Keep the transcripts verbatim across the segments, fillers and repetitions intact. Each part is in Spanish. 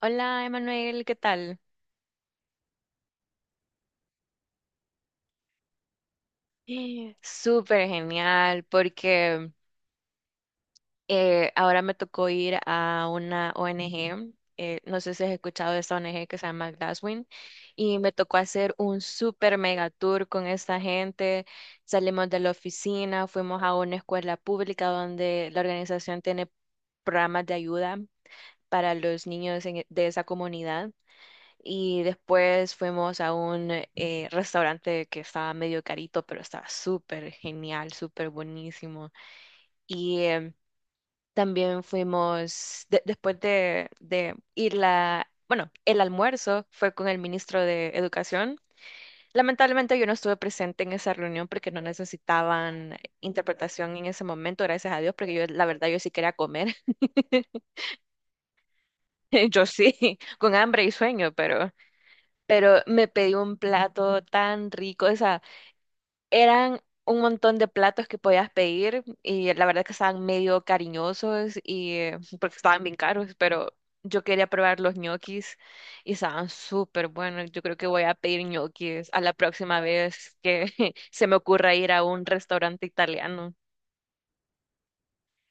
Hola, Emanuel, ¿qué tal? Eh, Súper genial, porque eh, ahora me tocó ir a una O N G. Eh, no sé si has escuchado de esta O N G que se llama Glasswing, y me tocó hacer un súper mega tour con esta gente. Salimos de la oficina, fuimos a una escuela pública donde la organización tiene programas de ayuda para los niños en e- de esa comunidad. Y después fuimos a un eh, restaurante que estaba medio carito, pero estaba súper genial, súper buenísimo. Y em, también fuimos, de- después de, de ir la, bueno, el almuerzo fue con el ministro de Educación. Lamentablemente yo no estuve presente en esa reunión porque no necesitaban interpretación en ese momento, gracias a Dios, porque yo, la verdad, yo sí quería comer. Yo sí, con hambre y sueño, pero... pero me pedí un plato tan rico, o sea, eran un montón de platos que podías pedir y la verdad que estaban medio cariñosos y eh, porque estaban bien caros, pero yo quería probar los ñoquis y estaban súper buenos. Yo creo que voy a pedir ñoquis a la próxima vez que se me ocurra ir a un restaurante italiano.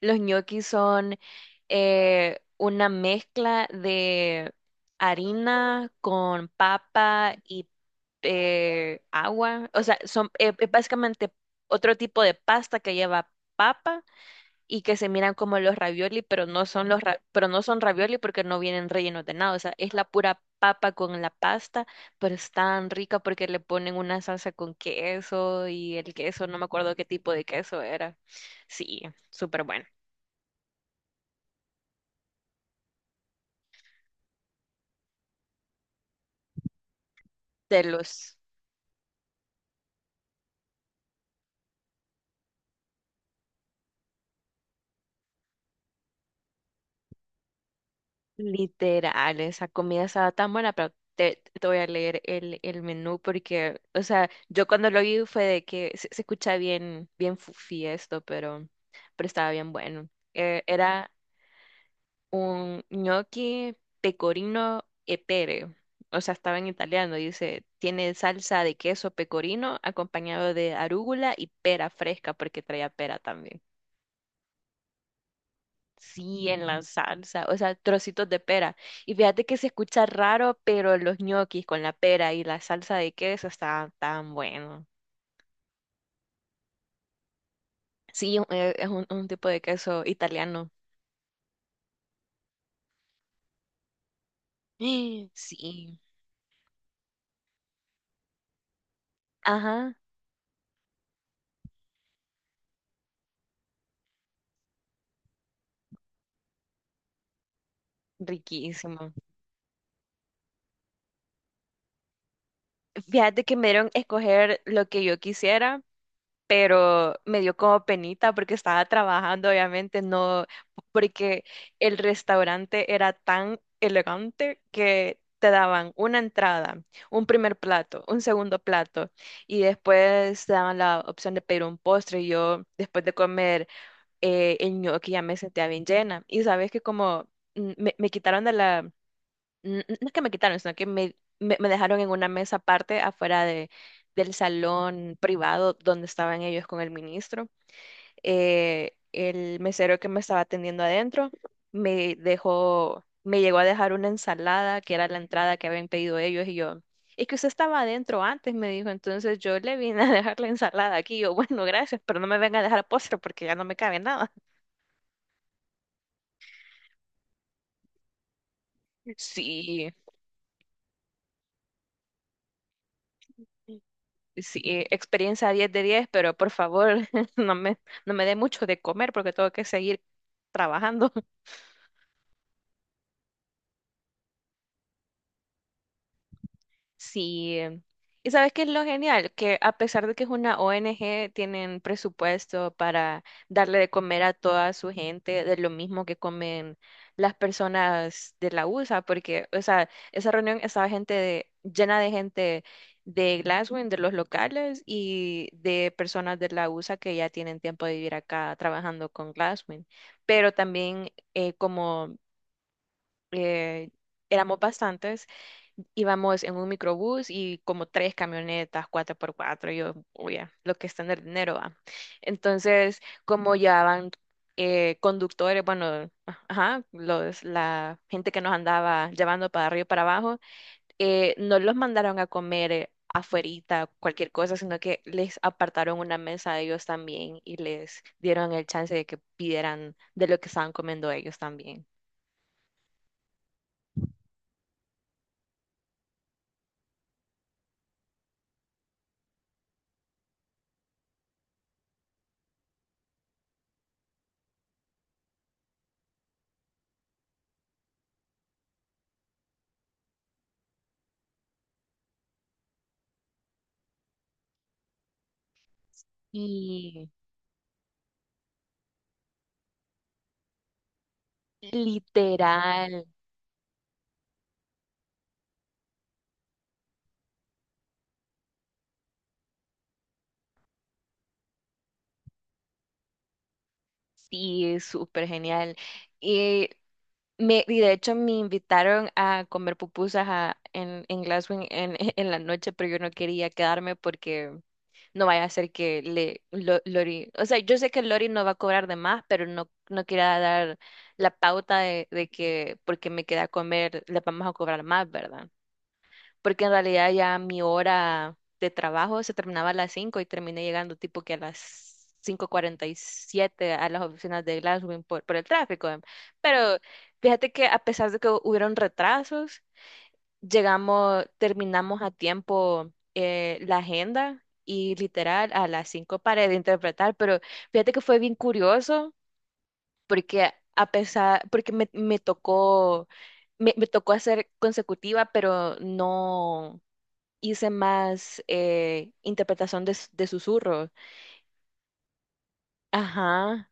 Los ñoquis son eh, una mezcla de harina con papa y eh, agua. O sea, son eh, eh, básicamente otro tipo de pasta que lleva papa y que se miran como los ravioli, pero no son los ra- pero no son ravioli porque no vienen rellenos de nada. O sea, es la pura papa con la pasta, pero es tan rica porque le ponen una salsa con queso y el queso, no me acuerdo qué tipo de queso era. Sí, súper bueno. de los Literales. Esa comida estaba tan buena, pero te, te voy a leer el, el menú porque, o sea, yo cuando lo vi fue de que se, se escucha bien, bien fufi esto, pero, pero estaba bien bueno. Eh, era un gnocchi pecorino e pere. O sea, estaba en italiano, dice, tiene salsa de queso pecorino acompañado de arúgula y pera fresca, porque traía pera también. Sí, en la salsa, o sea, trocitos de pera. Y fíjate que se escucha raro, pero los ñoquis con la pera y la salsa de queso está tan bueno. Sí, eh, es un, un tipo de queso italiano. Sí, ajá, riquísimo. Fíjate que me dieron escoger lo que yo quisiera, pero me dio como penita porque estaba trabajando, obviamente, no, porque el restaurante era tan elegante que te daban una entrada, un primer plato, un segundo plato, y después te daban la opción de pedir un postre. Y yo, después de comer eh, el ñoqui, ya me sentía bien llena. Y sabes que como mm, me, me quitaron de la n- no es que me quitaron, sino que me, me, me dejaron en una mesa aparte afuera de, del salón privado donde estaban ellos con el ministro. Eh, el mesero que me estaba atendiendo adentro me dejó, me llegó a dejar una ensalada que era la entrada que habían pedido ellos y yo. Es que usted estaba adentro antes, me dijo, entonces yo le vine a dejar la ensalada aquí. Yo, bueno, gracias, pero no me venga a dejar postre porque ya no me cabe nada. Sí. Sí, eh, experiencia diez de diez, pero por favor, no me, no me dé mucho de comer porque tengo que seguir trabajando. Sí. ¿Y sabes qué es lo genial? Que a pesar de que es una O N G, tienen presupuesto para darle de comer a toda su gente de lo mismo que comen las personas de la usa, porque, o sea, esa reunión estaba gente de- llena de gente de Glasgow, de los locales y de personas de la usa que ya tienen tiempo de vivir acá trabajando con Glasgow. Pero también eh, como eh, éramos bastantes, íbamos en un microbús y como tres camionetas, cuatro por cuatro, yo, oye, lo que es tener dinero, va. Entonces, como llevaban eh, conductores, bueno, a- ajá, los, la gente que nos andaba llevando para arriba y para abajo, eh, no los mandaron a comer eh, afuerita, cualquier cosa, sino que les apartaron una mesa a ellos también y les dieron el chance de que pidieran de lo que estaban comiendo ellos también. Y literal. Sí, súper genial. Y, me, y de hecho me invitaron a comer pupusas a- en, en Glasgow en, en- en la noche, pero yo no quería quedarme porque no vaya a ser que le, Lo- Lori, o sea, yo sé que Lori no va a cobrar de más, pero no, no quería dar la pauta de, de que porque me queda a comer le vamos a cobrar más, ¿verdad? Porque en realidad ya mi hora de trabajo se terminaba a las cinco y terminé llegando tipo que a las cinco cuarenta y siete a las oficinas de Glasgow por, por el tráfico. em. Pero fíjate que a pesar de que hubieron retrasos, llegamos, terminamos a tiempo eh, la agenda y literal a las cinco paré de interpretar, pero fíjate que fue bien curioso porque a pesar, porque me, me tocó... Me, me tocó hacer consecutiva, pero no, hice más eh, interpretación de, s- de susurros. Ajá.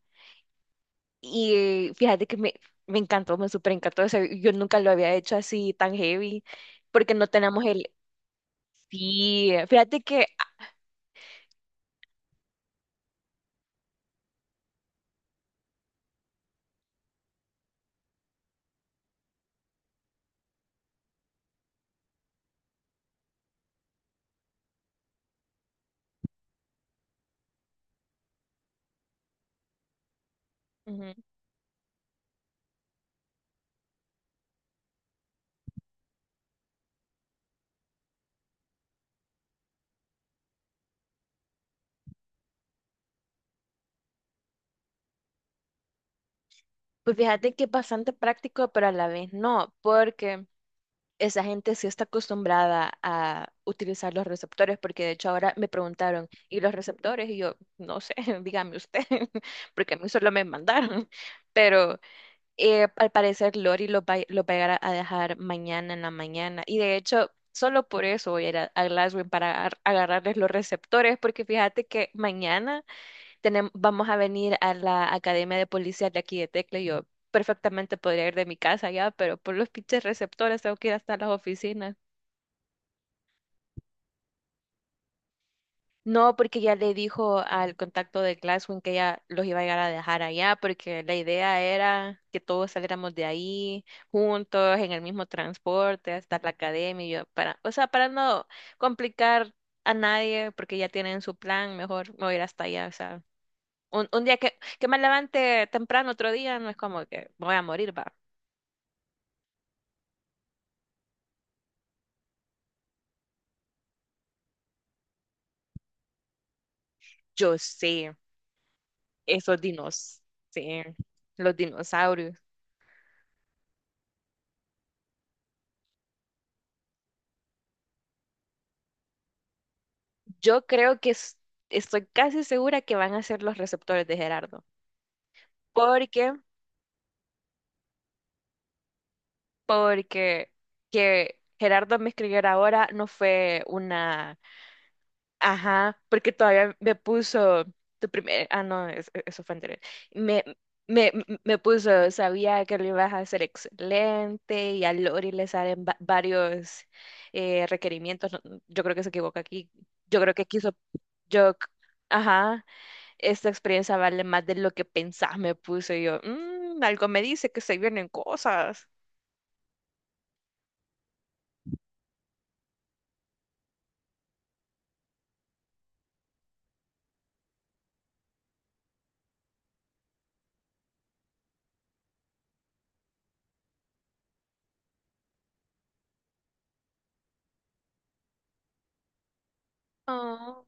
Y eh, fíjate que me, me encantó, me súper encantó. O sea, yo nunca lo había hecho así tan heavy, porque no tenemos el. Sí, fíjate que. Ujú, pues fíjate que es bastante práctico, pero a la vez no, porque esa gente sí está acostumbrada a utilizar los receptores, porque de hecho ahora me preguntaron, ¿y los receptores? Y yo, no sé, dígame usted, porque a mí solo me mandaron, pero. Eh, al parecer Lori lo va, lo va a llegar a dejar mañana en la mañana. Y de hecho, solo por eso voy a ir a, a Glasgow para agar- agarrarles los receptores, porque fíjate que mañana tenem- vamos a venir a la Academia de Policía de aquí de Tecla, y yo perfectamente podría ir de mi casa ya, pero por los pinches receptores tengo que ir hasta las oficinas. No, porque ya le dijo al contacto de Glasswing que ella los iba a llegar a dejar allá, porque la idea era que todos saliéramos de ahí juntos, en el mismo transporte, hasta la academia, y yo para, o sea, para no complicar a nadie, porque ya tienen su plan, mejor me voy a ir hasta allá, o sea, un, un día que, que me levante temprano, otro día, no es como que me voy a morir, va. Yo sé, esos dinos, sí, los dinosaurios. Yo creo que es- estoy casi segura que van a ser los receptores de Gerardo. ¿Por qué? Porque que Gerardo me escribiera ahora no fue una. Ajá, porque todavía me puso tu primer. Ah, no, es- e-, eso fue anterior. Me, me, me puso, sabía que lo ibas a hacer excelente y a Lori le salen va- varios eh, requerimientos. No, yo creo que se equivoca aquí. Yo creo que quiso. Yo. Ajá. Esta experiencia vale más de lo que pensás, me puse yo. "Mm, algo me dice que se vienen cosas. Oh.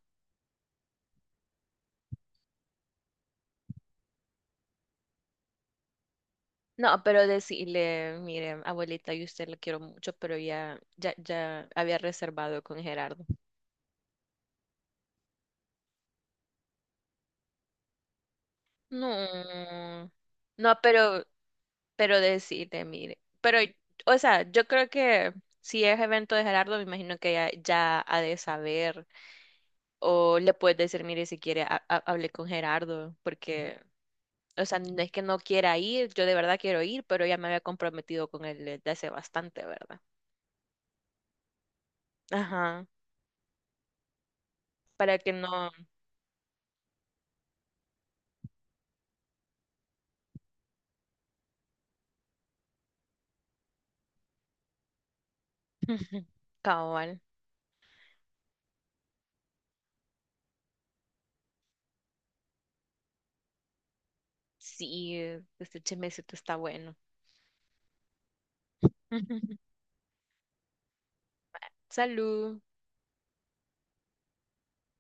No, pero decirle, mire, abuelita, yo a usted la quiero mucho, pero ya, ya, ya había reservado con Gerardo. No, no, pero, pero, decirle, mire, pero, o sea, yo creo que si es evento de Gerardo, me imagino que ya, ya ha de saber. O le puedes decir, mire, si quiere, ha- ha- hablé con Gerardo, porque, o sea, no es que no quiera ir, yo de verdad quiero ir, pero ya me había comprometido con él desde hace bastante, ¿verdad? Ajá, para que no. Cabal, sí, este chismecito está bueno. Salud.